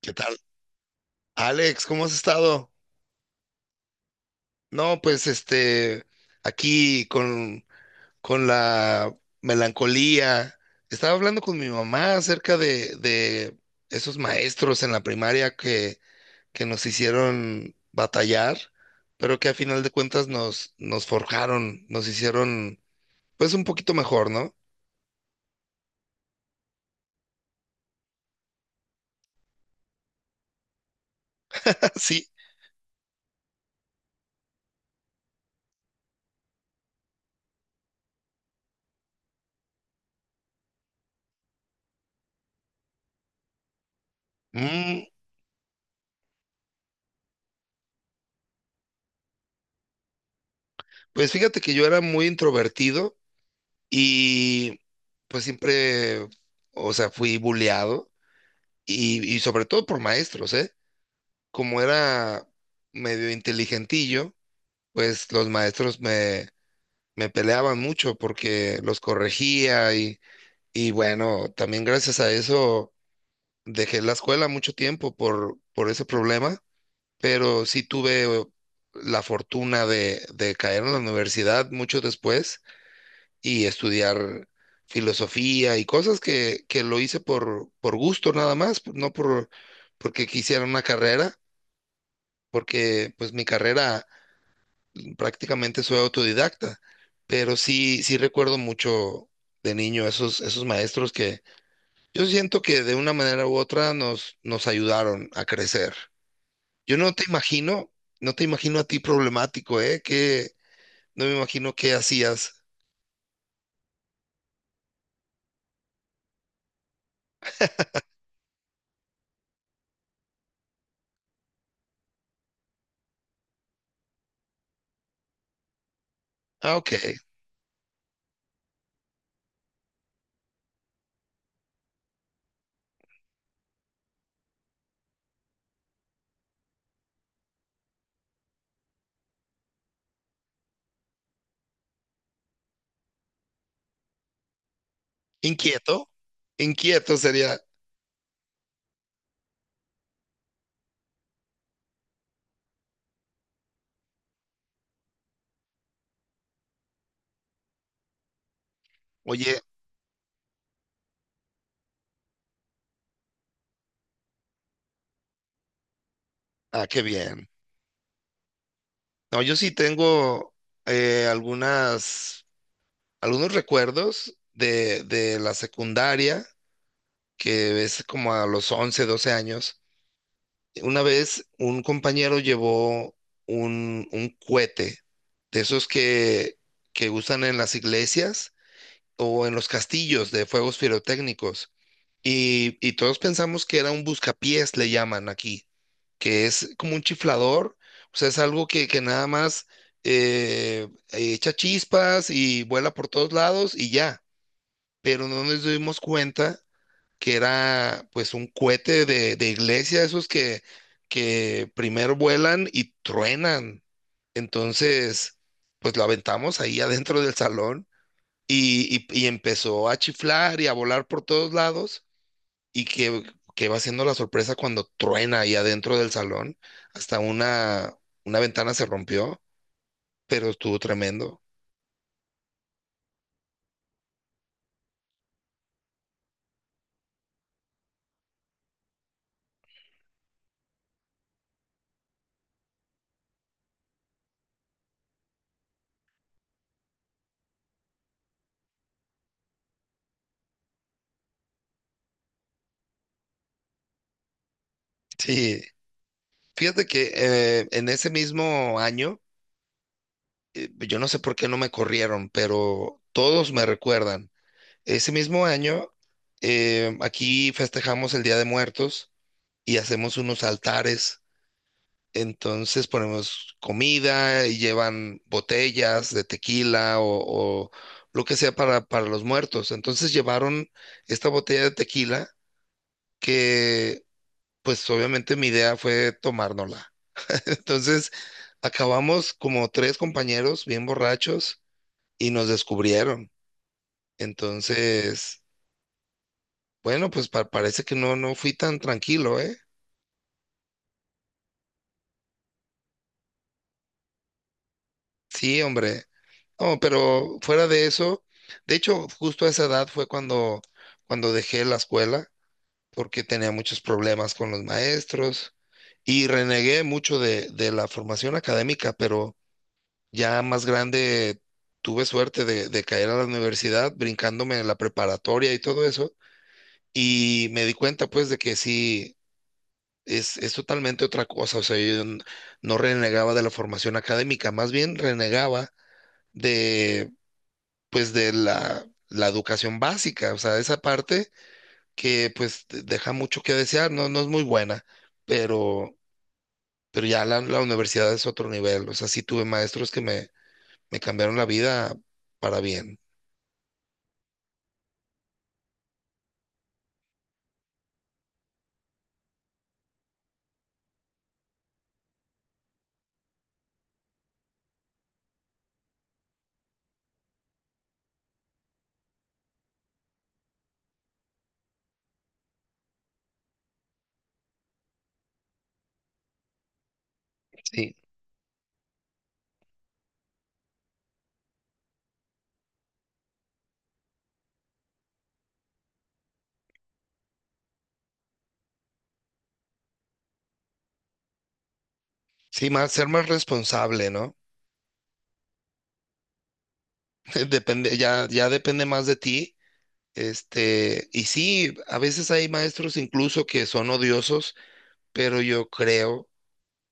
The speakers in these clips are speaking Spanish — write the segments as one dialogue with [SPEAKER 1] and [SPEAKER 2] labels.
[SPEAKER 1] ¿Qué tal? Alex, ¿cómo has estado? No, pues aquí con la melancolía. Estaba hablando con mi mamá acerca de esos maestros en la primaria que nos hicieron batallar, pero que a final de cuentas nos forjaron, nos hicieron pues un poquito mejor, ¿no? Sí. Mm, pues fíjate que yo era muy introvertido y pues siempre, o sea, fui bulleado. Y sobre todo por maestros, ¿eh? Como era medio inteligentillo, pues los maestros me peleaban mucho porque los corregía y bueno, también gracias a eso dejé la escuela mucho tiempo por ese problema, pero sí tuve la fortuna de caer en la universidad mucho después y estudiar filosofía y cosas que lo hice por gusto nada más, no por, porque quisiera una carrera, porque pues mi carrera prácticamente soy autodidacta, pero sí recuerdo mucho de niño esos maestros que yo siento que de una manera u otra nos ayudaron a crecer. Yo no te imagino, no te imagino a ti problemático, ¿eh? Que no me imagino qué hacías. Ah, ok. Inquieto. Inquieto sería, oye, ah, qué bien. No, yo sí tengo eh, algunas, algunos recuerdos de la secundaria que es como a los 11 12 años. Una vez un compañero llevó un cohete de esos que usan en las iglesias o en los castillos de fuegos pirotécnicos. Y todos pensamos que era un buscapiés, le llaman aquí, que es como un chiflador, o sea, es algo que nada más echa chispas y vuela por todos lados y ya. Pero no nos dimos cuenta que era pues un cohete de iglesia, esos que primero vuelan y truenan. Entonces, pues lo aventamos ahí adentro del salón y empezó a chiflar y a volar por todos lados y que va siendo la sorpresa cuando truena ahí adentro del salón. Hasta una ventana se rompió, pero estuvo tremendo. Sí, fíjate que en ese mismo año pues, yo no sé por qué no me corrieron, pero todos me recuerdan. Ese mismo año, aquí festejamos el Día de Muertos y hacemos unos altares. Entonces ponemos comida y llevan botellas de tequila o lo que sea para los muertos. Entonces llevaron esta botella de tequila que, pues obviamente mi idea fue tomárnosla. Entonces acabamos como tres compañeros bien borrachos y nos descubrieron. Entonces, bueno, pues parece que no, no fui tan tranquilo, ¿eh? Sí, hombre. No, pero fuera de eso, de hecho, justo a esa edad fue cuando, cuando dejé la escuela, porque tenía muchos problemas con los maestros y renegué mucho de la formación académica, pero ya más grande tuve suerte de caer a la universidad, brincándome en la preparatoria y todo eso, y me di cuenta pues de que sí. Es totalmente otra cosa, o sea, no renegaba de la formación académica, más bien renegaba de, pues, de la educación básica, o sea, esa parte que, pues, deja mucho que desear, no, no es muy buena, pero, pero ya la universidad es otro nivel, o sea, sí tuve maestros que me cambiaron la vida para bien, sí, sí, más, ser más responsable, ¿no? Depende, ya depende más de ti. Este, y sí, a veces hay maestros incluso que son odiosos, pero yo creo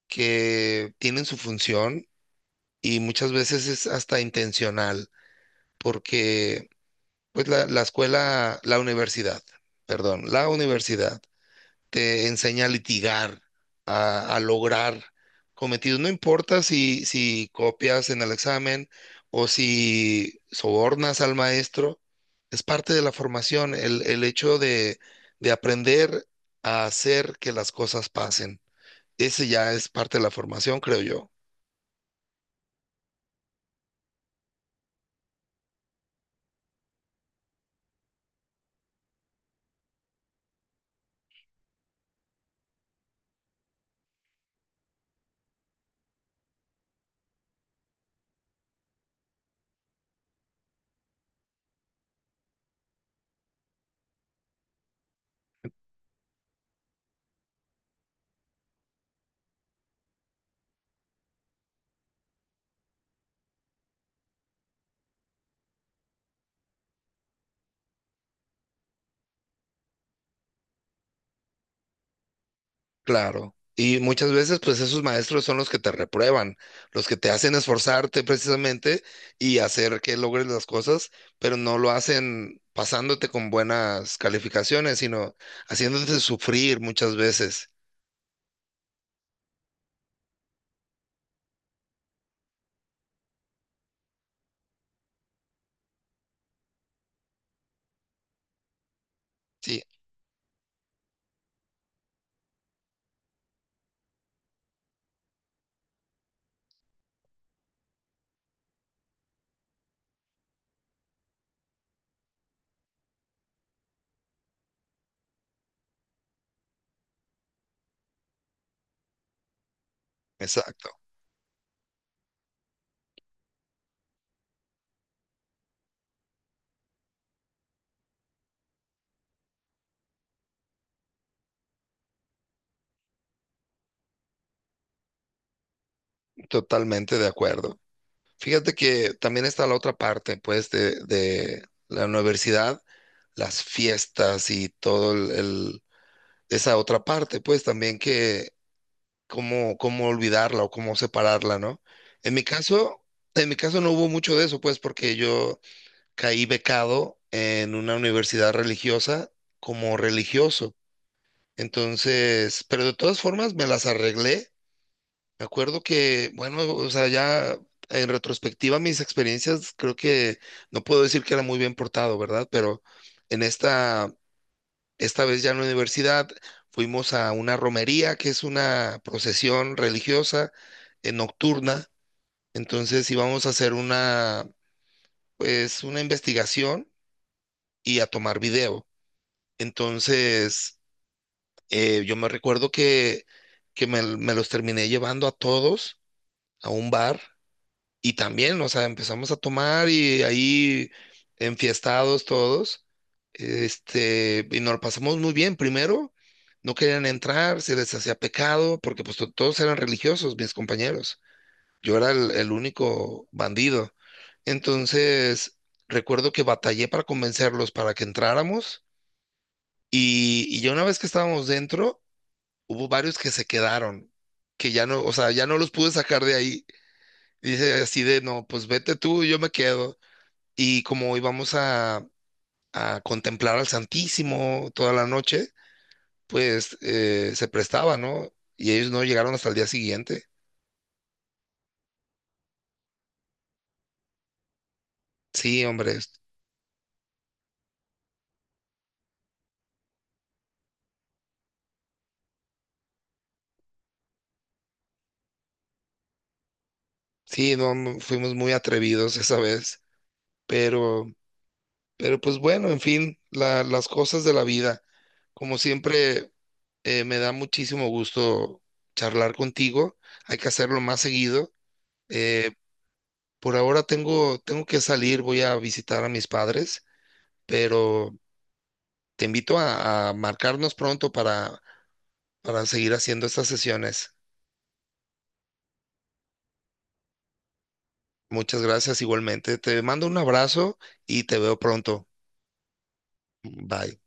[SPEAKER 1] que tienen su función y muchas veces es hasta intencional, porque pues la escuela, la universidad, perdón, la universidad te enseña a litigar, a lograr cometidos. No importa si copias en el examen o si sobornas al maestro, es parte de la formación, el hecho de aprender a hacer que las cosas pasen. Ese ya es parte de la formación, creo yo. Claro. Y muchas veces, pues esos maestros son los que te reprueban, los que te hacen esforzarte precisamente y hacer que logres las cosas, pero no lo hacen pasándote con buenas calificaciones, sino haciéndote sufrir muchas veces. Sí, exacto, totalmente de acuerdo. Fíjate que también está la otra parte, pues, de la universidad, las fiestas y todo esa otra parte, pues, también cómo, cómo olvidarla o cómo separarla, ¿no? En mi caso, en mi caso no hubo mucho de eso, pues, porque yo caí becado en una universidad religiosa como religioso. Entonces, pero de todas formas me las arreglé. Me acuerdo que, bueno, o sea, ya en retrospectiva mis experiencias, creo que no puedo decir que era muy bien portado, ¿verdad? Pero en esta esta vez ya en la universidad fuimos a una romería, que es una procesión religiosa nocturna. Entonces íbamos a hacer una, pues, una investigación y a tomar video. Entonces, yo me recuerdo que me los terminé llevando a todos a un bar. Y también, o sea, empezamos a tomar y ahí enfiestados todos, y nos lo pasamos muy bien. Primero, no querían entrar, se les hacía pecado, porque pues todos eran religiosos, mis compañeros. Yo era el único bandido. Entonces, recuerdo que batallé para convencerlos para que entráramos y ya una vez que estábamos dentro, hubo varios que se quedaron, que ya no, o sea, ya no los pude sacar de ahí. Dice así de, no, pues vete tú, yo me quedo. Y como hoy vamos a contemplar al Santísimo toda la noche, pues se prestaba, ¿no? Y ellos no llegaron hasta el día siguiente. Sí, hombre, sí, no, mm, fuimos muy atrevidos esa vez, pero, pero pues bueno, en fin, las cosas de la vida. Como siempre, me da muchísimo gusto charlar contigo. Hay que hacerlo más seguido. Eh, por ahora tengo, tengo que salir, voy a visitar a mis padres, pero te invito a marcarnos pronto para seguir haciendo estas sesiones. Muchas gracias igualmente. Te mando un abrazo y te veo pronto. Bye.